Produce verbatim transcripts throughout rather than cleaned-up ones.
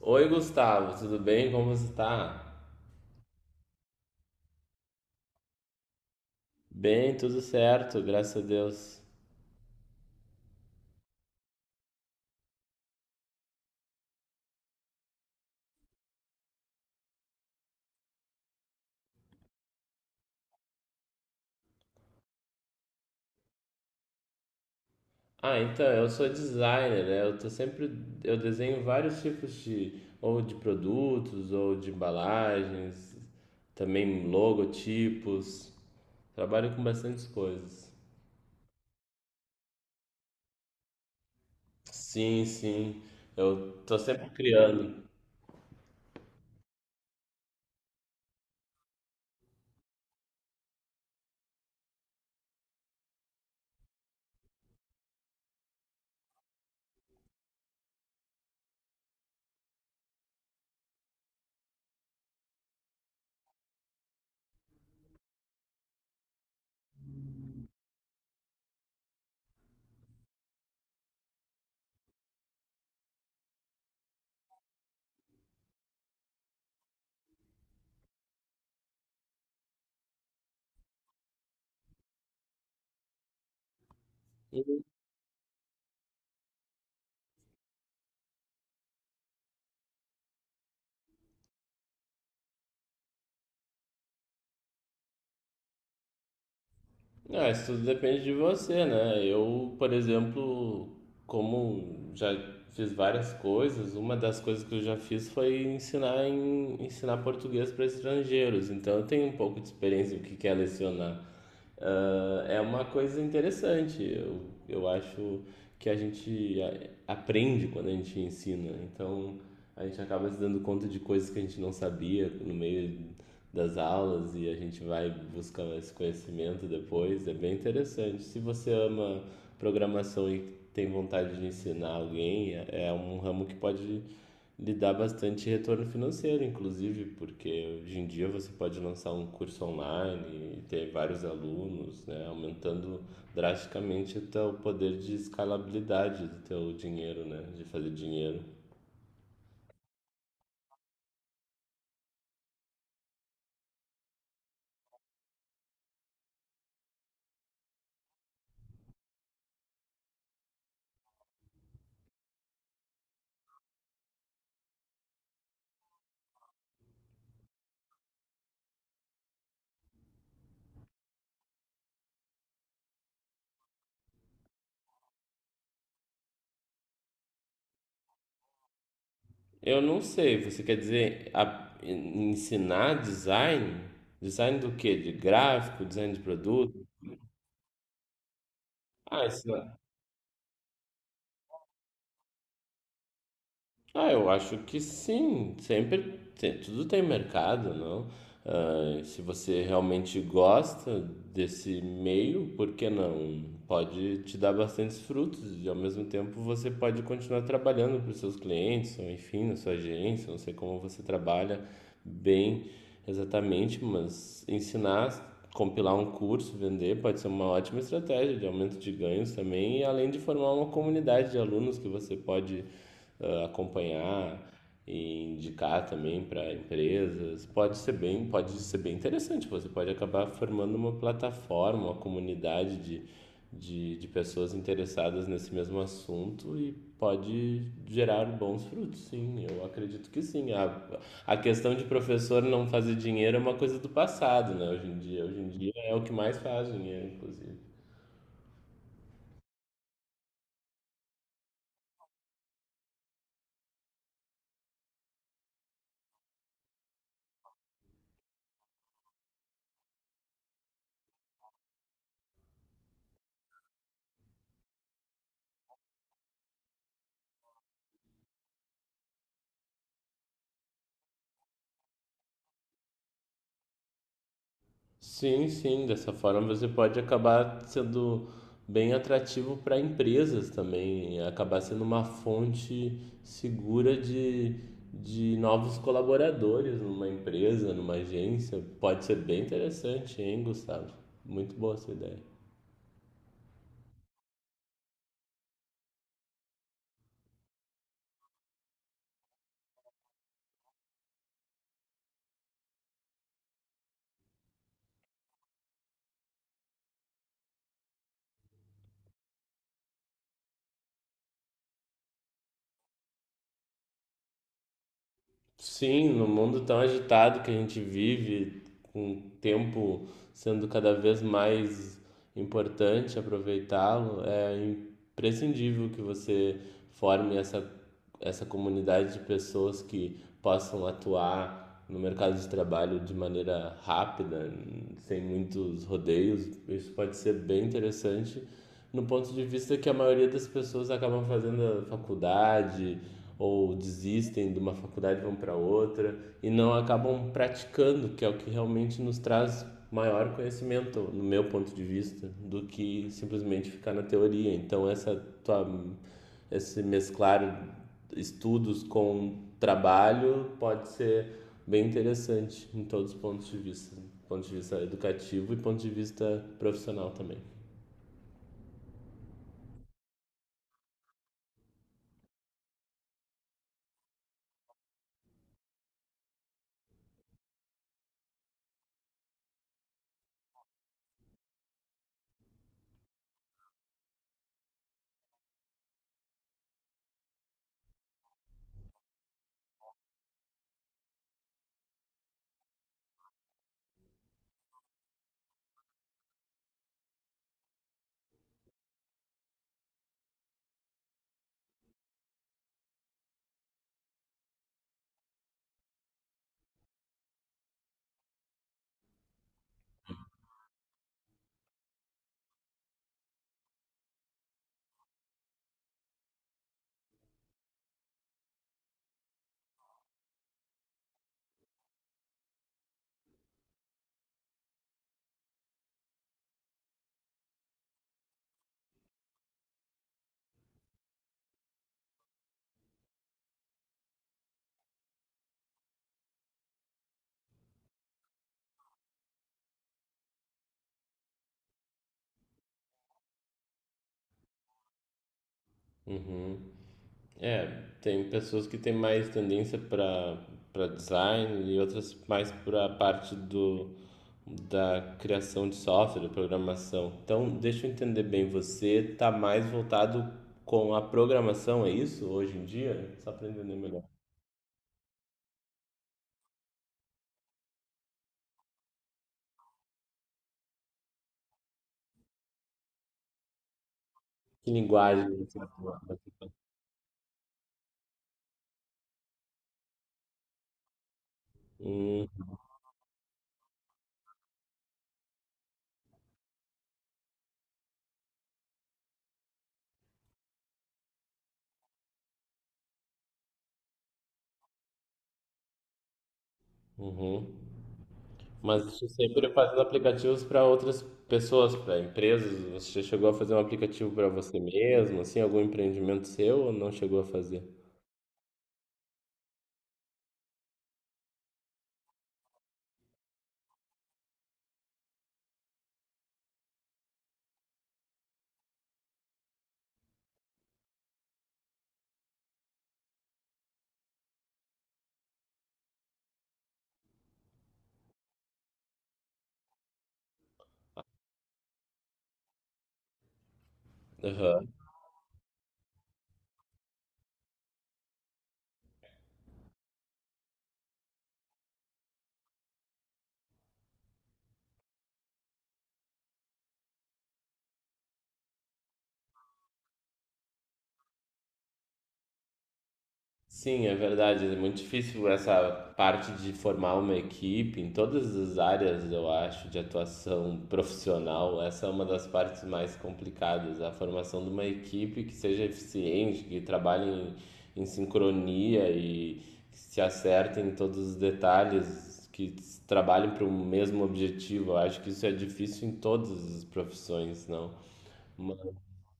Oi, Gustavo, tudo bem? Como você tá? Bem, tudo certo, graças a Deus. Ah, então, eu sou designer, né? Eu tô sempre, eu desenho vários tipos de, ou de produtos, ou de embalagens, também logotipos. Trabalho com bastantes coisas. Sim, sim. Eu tô sempre criando. Não, isso tudo depende de você, né? Eu, por exemplo, como já fiz várias coisas, uma das coisas que eu já fiz foi ensinar em, ensinar português para estrangeiros. Então, eu tenho um pouco de experiência do que que é lecionar. Ah, é uma coisa interessante. Eu, eu acho que a gente a- aprende quando a gente ensina. Então, a gente acaba se dando conta de coisas que a gente não sabia no meio das aulas e a gente vai buscar esse conhecimento depois. É bem interessante. Se você ama programação e tem vontade de ensinar alguém, é um ramo que pode lhe dar bastante retorno financeiro, inclusive, porque hoje em dia você pode lançar um curso online e ter vários alunos, né, aumentando drasticamente o teu poder de escalabilidade do teu dinheiro, né, de fazer dinheiro. Eu não sei, você quer dizer a- ensinar design? Design do quê? De gráfico, design de produto? Ah, ensinar. Ah, eu acho que sim. Sempre tem- tudo tem mercado, não? Ah, se você realmente gosta desse meio, por que não? Pode te dar bastantes frutos e ao mesmo tempo você pode continuar trabalhando para os seus clientes, ou enfim, na sua agência, não sei como você trabalha bem exatamente, mas ensinar, compilar um curso, vender pode ser uma ótima estratégia de aumento de ganhos também, e além de formar uma comunidade de alunos que você pode ah, acompanhar, e indicar também para empresas. Pode ser bem, pode ser bem interessante. Você pode acabar formando uma plataforma, uma comunidade de, de, de pessoas interessadas nesse mesmo assunto e pode gerar bons frutos, sim. Eu acredito que sim. A, a questão de professor não fazer dinheiro é uma coisa do passado, né? Hoje em dia, hoje em dia é o que mais faz dinheiro, inclusive. Sim, sim, dessa forma você pode acabar sendo bem atrativo para empresas também, e acabar sendo uma fonte segura de, de novos colaboradores numa empresa, numa agência. Pode ser bem interessante, hein, Gustavo? Muito boa essa ideia. Sim, no mundo tão agitado que a gente vive, com o tempo sendo cada vez mais importante aproveitá-lo, é imprescindível que você forme essa, essa comunidade de pessoas que possam atuar no mercado de trabalho de maneira rápida, sem muitos rodeios. Isso pode ser bem interessante no ponto de vista que a maioria das pessoas acabam fazendo a faculdade ou desistem de uma faculdade e vão para outra e não acabam praticando, que é o que realmente nos traz maior conhecimento, no meu ponto de vista, do que simplesmente ficar na teoria. Então essa tua esse mesclar estudos com trabalho pode ser bem interessante em todos os pontos de vista, ponto de vista educativo e ponto de vista profissional também. Uhum. É, tem pessoas que têm mais tendência para para design e outras mais para a parte do da criação de software, da programação. Então, deixa eu entender bem, você está mais voltado com a programação, é isso, hoje em dia? Só para entender melhor. Que linguagem você usa? Hum, uhum. Mas você sempre fazendo aplicativos para outras pessoas, para empresas. Você já chegou a fazer um aplicativo para você mesmo, assim, algum empreendimento seu ou não chegou a fazer? Aham. Sim, é verdade. É muito difícil essa parte de formar uma equipe em todas as áreas, eu acho, de atuação profissional. Essa é uma das partes mais complicadas, a formação de uma equipe que seja eficiente, que trabalhe em, em sincronia e que se acerte em todos os detalhes, que trabalhem para o mesmo objetivo. Eu acho que isso é difícil em todas as profissões, não?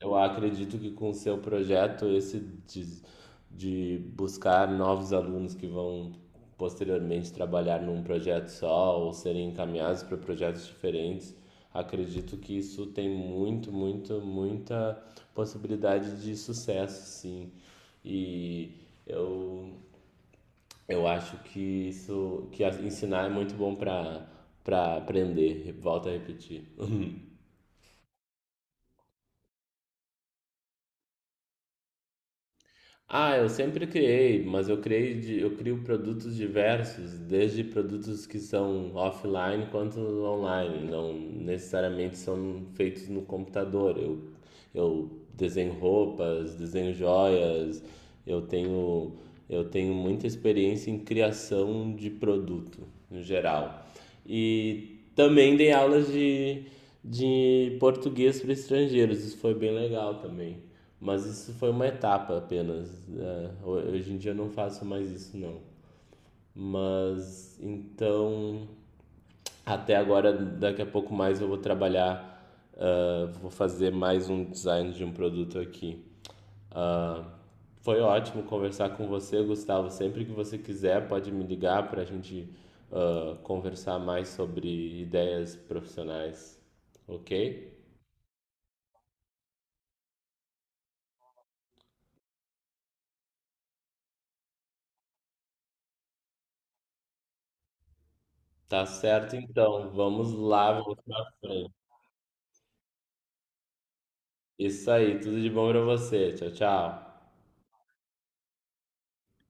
Eu acredito que com o seu projeto, esse de, de buscar novos alunos que vão posteriormente trabalhar num projeto só ou serem encaminhados para projetos diferentes, acredito que isso tem muito, muito, muita possibilidade de sucesso, sim. E eu, eu acho que isso, que a- ensinar é muito bom para para aprender, volto a repetir. Ah, eu sempre criei, mas eu criei de- eu crio produtos diversos, desde produtos que são offline quanto online, não necessariamente são feitos no computador. Eu, eu desenho roupas, desenho joias, eu tenho, eu tenho muita experiência em criação de produto, no geral. E também dei aulas de, de português para estrangeiros, isso foi bem legal também. Mas isso foi uma etapa apenas, né? Hoje em dia eu não faço mais isso, não. Mas então, até agora, daqui a pouco mais eu vou trabalhar, ah, vou fazer mais um design de um produto aqui. Foi ótimo conversar com você, Gustavo. Sempre que você quiser, pode me ligar para a gente ah, conversar mais sobre ideias profissionais, ok? Tá certo, então. Vamos lá, vamos para frente. Isso aí, tudo de bom pra você. Tchau, tchau.